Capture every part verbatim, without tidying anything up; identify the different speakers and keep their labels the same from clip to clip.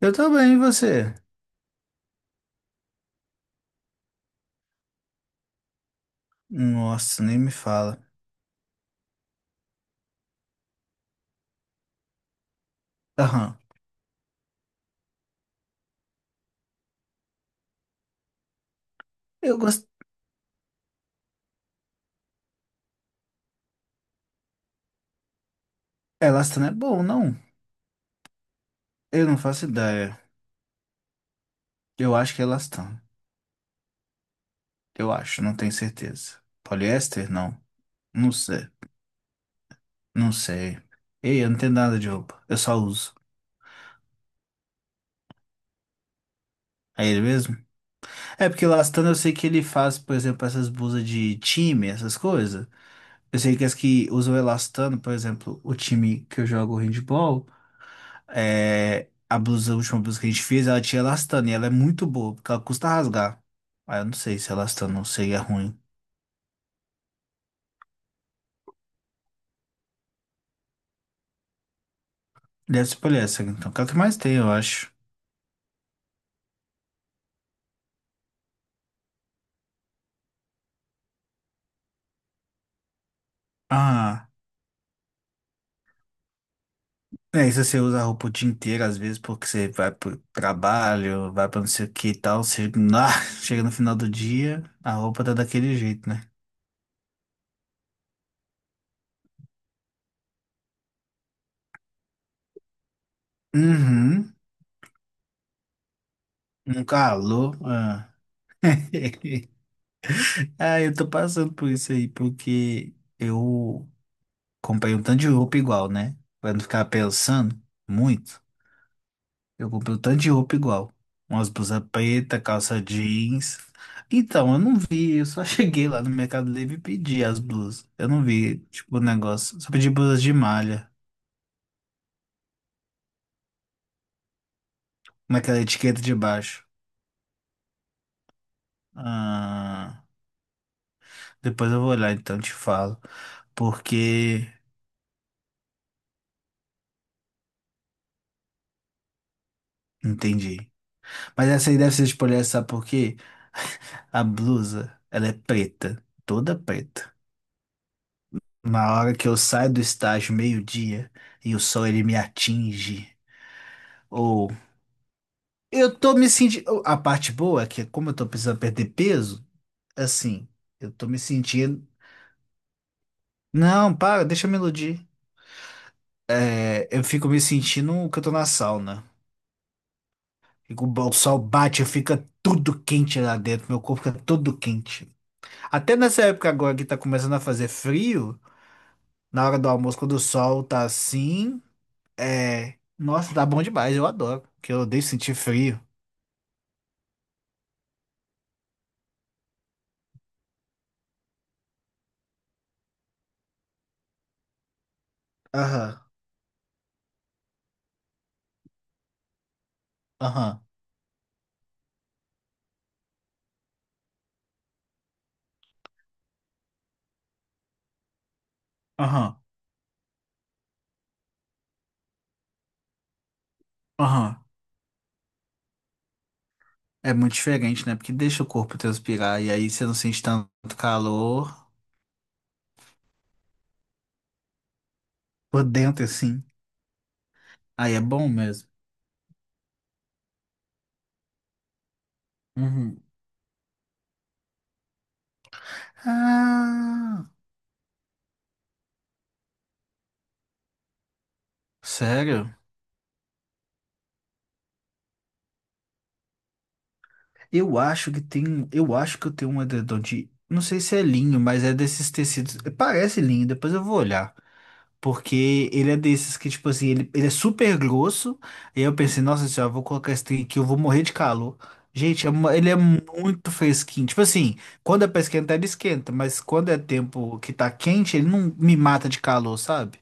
Speaker 1: Eu tô bem, e você? Nossa, nem me fala. Aham. Eu gosto. Elastano é bom, não? Eu não faço ideia. Eu acho que é elastano. Eu acho, não tenho certeza. Poliéster? Não. Não sei. Não sei. Ei, eu não tenho nada de roupa. Eu só uso. É ele mesmo? É porque elastano eu sei que ele faz, por exemplo, essas blusas de time, essas coisas. Eu sei que as que usam elastano, por exemplo, o time que eu jogo handball. É, a blusa, a última blusa que a gente fez, ela tinha elastano e ela é muito boa, porque ela custa rasgar. Ah, eu não sei se elastano seria ruim. Deve ser poliéster, então, que é o que mais tem, eu acho. Ah, é isso, você usa a roupa o dia inteiro, às vezes, porque você vai pro trabalho, vai pra não sei o que e tal, você, ah, chega no final do dia, a roupa tá daquele jeito, né? Uhum, um calor. Ah. Ah, eu tô passando por isso aí, porque eu Comprei um tanto de roupa igual, né? Pra não ficar pensando muito. Eu comprei um tanto de roupa igual. Umas blusas preta, calça jeans. Então, eu não vi, eu só cheguei lá no Mercado Livre e pedi as blusas. Eu não vi, tipo, o negócio. Só pedi blusas de malha, naquela etiqueta de baixo. Ah, depois eu vou olhar, então e te falo. Porque. Entendi. Mas essa aí deve ser de poliéster, sabe por quê? A blusa, ela é preta, toda preta. na hora que eu saio do estágio meio-dia e o sol ele me atinge. Ou eu tô me sentindo. A parte boa é que, como eu tô precisando perder peso, assim, eu tô me sentindo. Não, para, deixa eu me iludir. É, eu fico me sentindo que eu tô na sauna. Fico- O sol bate, fica tudo quente lá dentro, meu corpo fica todo quente. Até nessa época agora que tá começando a fazer frio, na hora do almoço, quando o sol tá assim, é. Nossa, tá bom demais, eu adoro, porque eu odeio sentir frio. Aham, aham, aham, aham. É muito diferente, né? Porque deixa o corpo transpirar e aí você não sente tanto calor por dentro, assim. Aí é bom mesmo. Uhum. Ah, sério? Eu acho que tem, eu acho que eu tenho um edredom de, não sei se é linho, mas é desses tecidos. Parece linho, depois eu vou olhar. Porque ele é desses que, tipo assim, ele, ele é super grosso. E aí eu pensei, nossa senhora, vou colocar esse trem aqui, eu vou morrer de calor. Gente, é uma- ele é muito fresquinho. Tipo assim, quando é pra esquentar, ele esquenta. Mas quando é tempo que tá quente, ele não me mata de calor, sabe?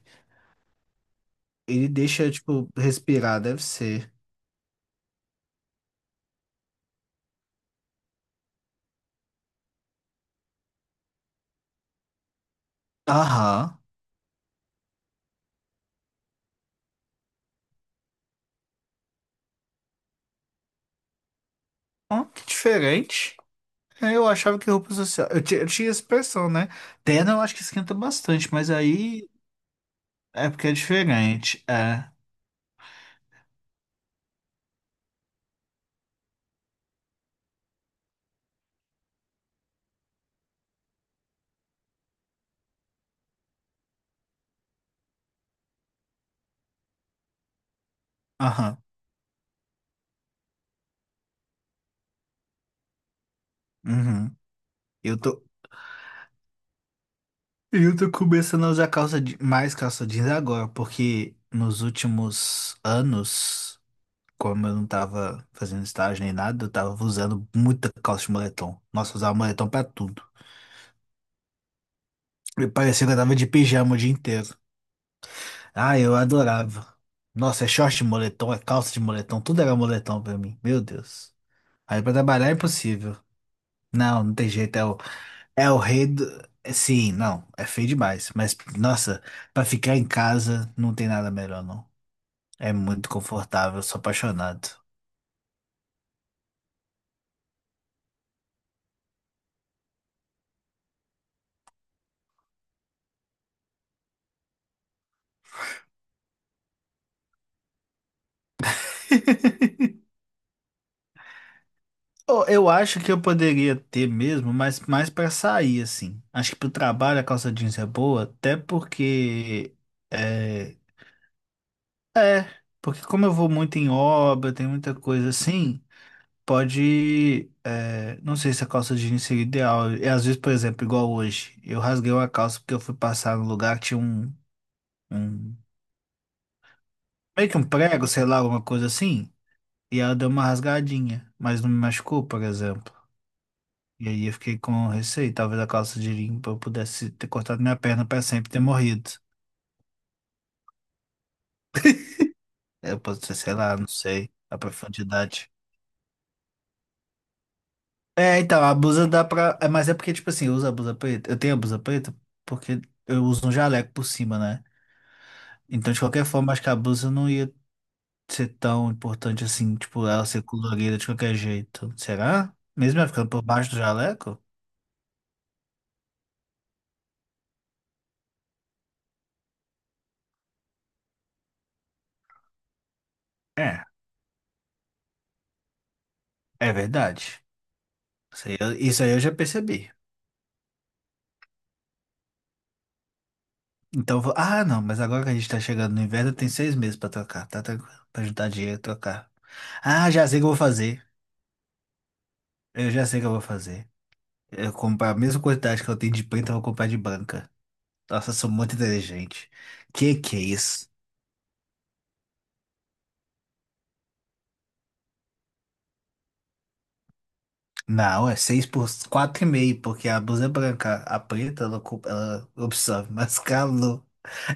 Speaker 1: Ele deixa, tipo, respirar, deve ser. Aham. Ó, que diferente. É, eu achava que roupa social. Eu, ti- eu tinha essa impressão, né? Terno eu acho que esquenta bastante, mas aí é porque é diferente. É. Aham. Uhum. Eu tô. E eu tô começando a usar calça de... mais calça jeans agora, porque nos últimos anos, como eu não tava fazendo estágio nem nada, eu tava usando muita calça de moletom. Nossa, eu usava moletom pra tudo. E parecia que eu tava de pijama o dia inteiro. Ah, eu adorava. Nossa, é short de moletom, é calça de moletom, tudo era moletom pra mim. Meu Deus. Aí pra trabalhar é impossível. Não, não tem jeito, é o, é o rei do... é, sim, não, é feio demais, mas nossa, pra ficar em casa não tem nada melhor, não. É muito confortável, sou apaixonado. Oh, eu acho que eu poderia ter mesmo, mas mais pra sair, assim. Acho que pro trabalho a calça jeans é boa, até porque. É, é, porque como eu vou muito em obra, tem muita coisa assim, pode. É, não sei se a calça jeans seria ideal. E às vezes, por exemplo, igual hoje, eu rasguei uma calça porque eu fui passar no lugar que tinha um, um. Meio que um prego, sei lá, alguma coisa assim, e ela deu uma rasgadinha, mas não me machucou, por exemplo. E aí eu fiquei com receio, talvez a calça de limpa eu pudesse ter cortado minha perna para sempre e ter morrido. É, eu posso ser sei lá, não sei, a profundidade. É, então, a blusa dá pra. É, mas é porque, tipo assim, eu uso a blusa preta. Eu tenho a blusa preta porque eu uso um jaleco por cima, né? Então, de qualquer forma, acho que a blusa não ia ser tão importante assim, tipo, ela ser colorida de qualquer jeito. Será? Mesmo ela ficando por baixo do jaleco? É, é verdade. Isso aí eu, isso aí eu já percebi. Então, vou- ah, não, mas agora que a gente tá chegando no inverno, tem seis meses pra trocar, tá tranquilo. Pra juntar dinheiro e trocar. Ah, já sei o que eu vou fazer. Eu já sei o que eu vou fazer. Eu vou comprar a mesma quantidade que eu tenho de preta, eu vou comprar de branca. Nossa, eu sou muito inteligente. Que que é isso? Não, é seis por quatro e meio, porque a blusa é branca. A preta, ela, ocu- ela absorve mais calor.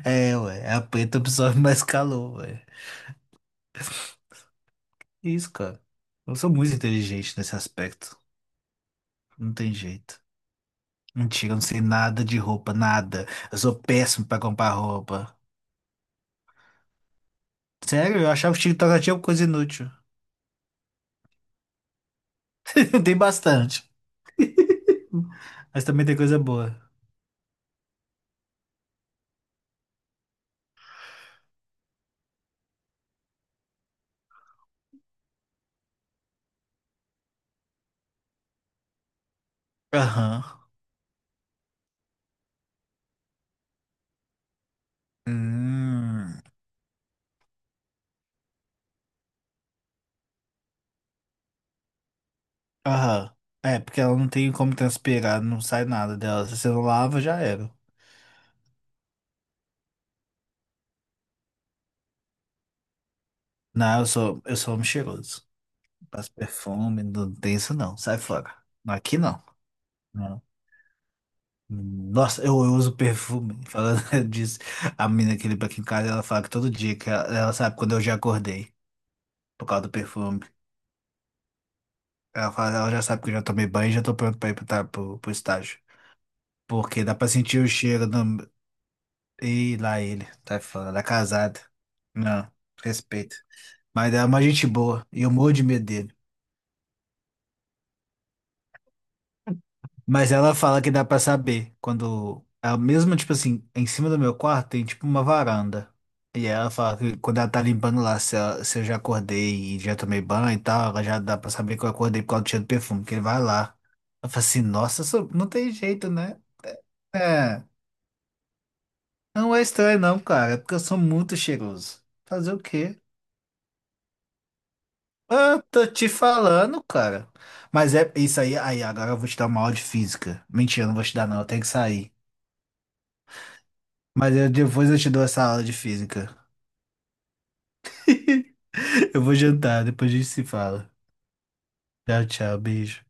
Speaker 1: É, ué, a preta absorve mais calor, ué. Isso, cara. Eu sou muito inteligente nesse aspecto. Não tem jeito. Mentira, eu não sei nada de roupa, nada. Eu sou péssimo pra comprar roupa. Sério, eu achava que TikTok tinha coisa inútil. Tem bastante. Mas também tem coisa boa. Aham. Hum. Aham. É, porque ela não tem como transpirar, não sai nada dela. Se você não lava, já era. Não, eu sou, eu sou homem cheiroso. Passo perfume, não tem isso não. Sai fora. Aqui não. Nossa, eu, eu uso perfume. Falando disso, a menina que limpa aqui em casa, ela fala que todo dia que ela, ela sabe quando eu já acordei por causa do perfume. Ela fala, ela já sabe que eu já tomei banho e já tô pronto pra ir pro, tra- pro, pro estágio. Porque dá pra sentir o cheiro do. Ih, lá ele, tá falando, ela é casada. Não, respeito. Mas ela é uma gente boa e eu morro de medo dele. Mas ela fala que dá pra saber quando ela mesmo tipo assim, em cima do meu quarto tem tipo uma varanda. E ela fala que quando ela tá limpando lá, se, ela- se eu já acordei e já tomei banho e tal, ela já dá pra saber que eu acordei por causa do cheiro do perfume, que ele vai lá. Ela fala assim, nossa, sou- não tem jeito, né? É, não é estranho não, cara, é porque eu sou muito cheiroso. Fazer o quê? Ah, tô te falando, cara. Mas é isso aí, aí agora eu vou te dar uma aula de física. Mentira, não vou te dar não, eu tenho que sair. Mas eu, depois eu te dou essa aula de física. Eu vou jantar, depois a gente se fala. Tchau, tchau, beijo.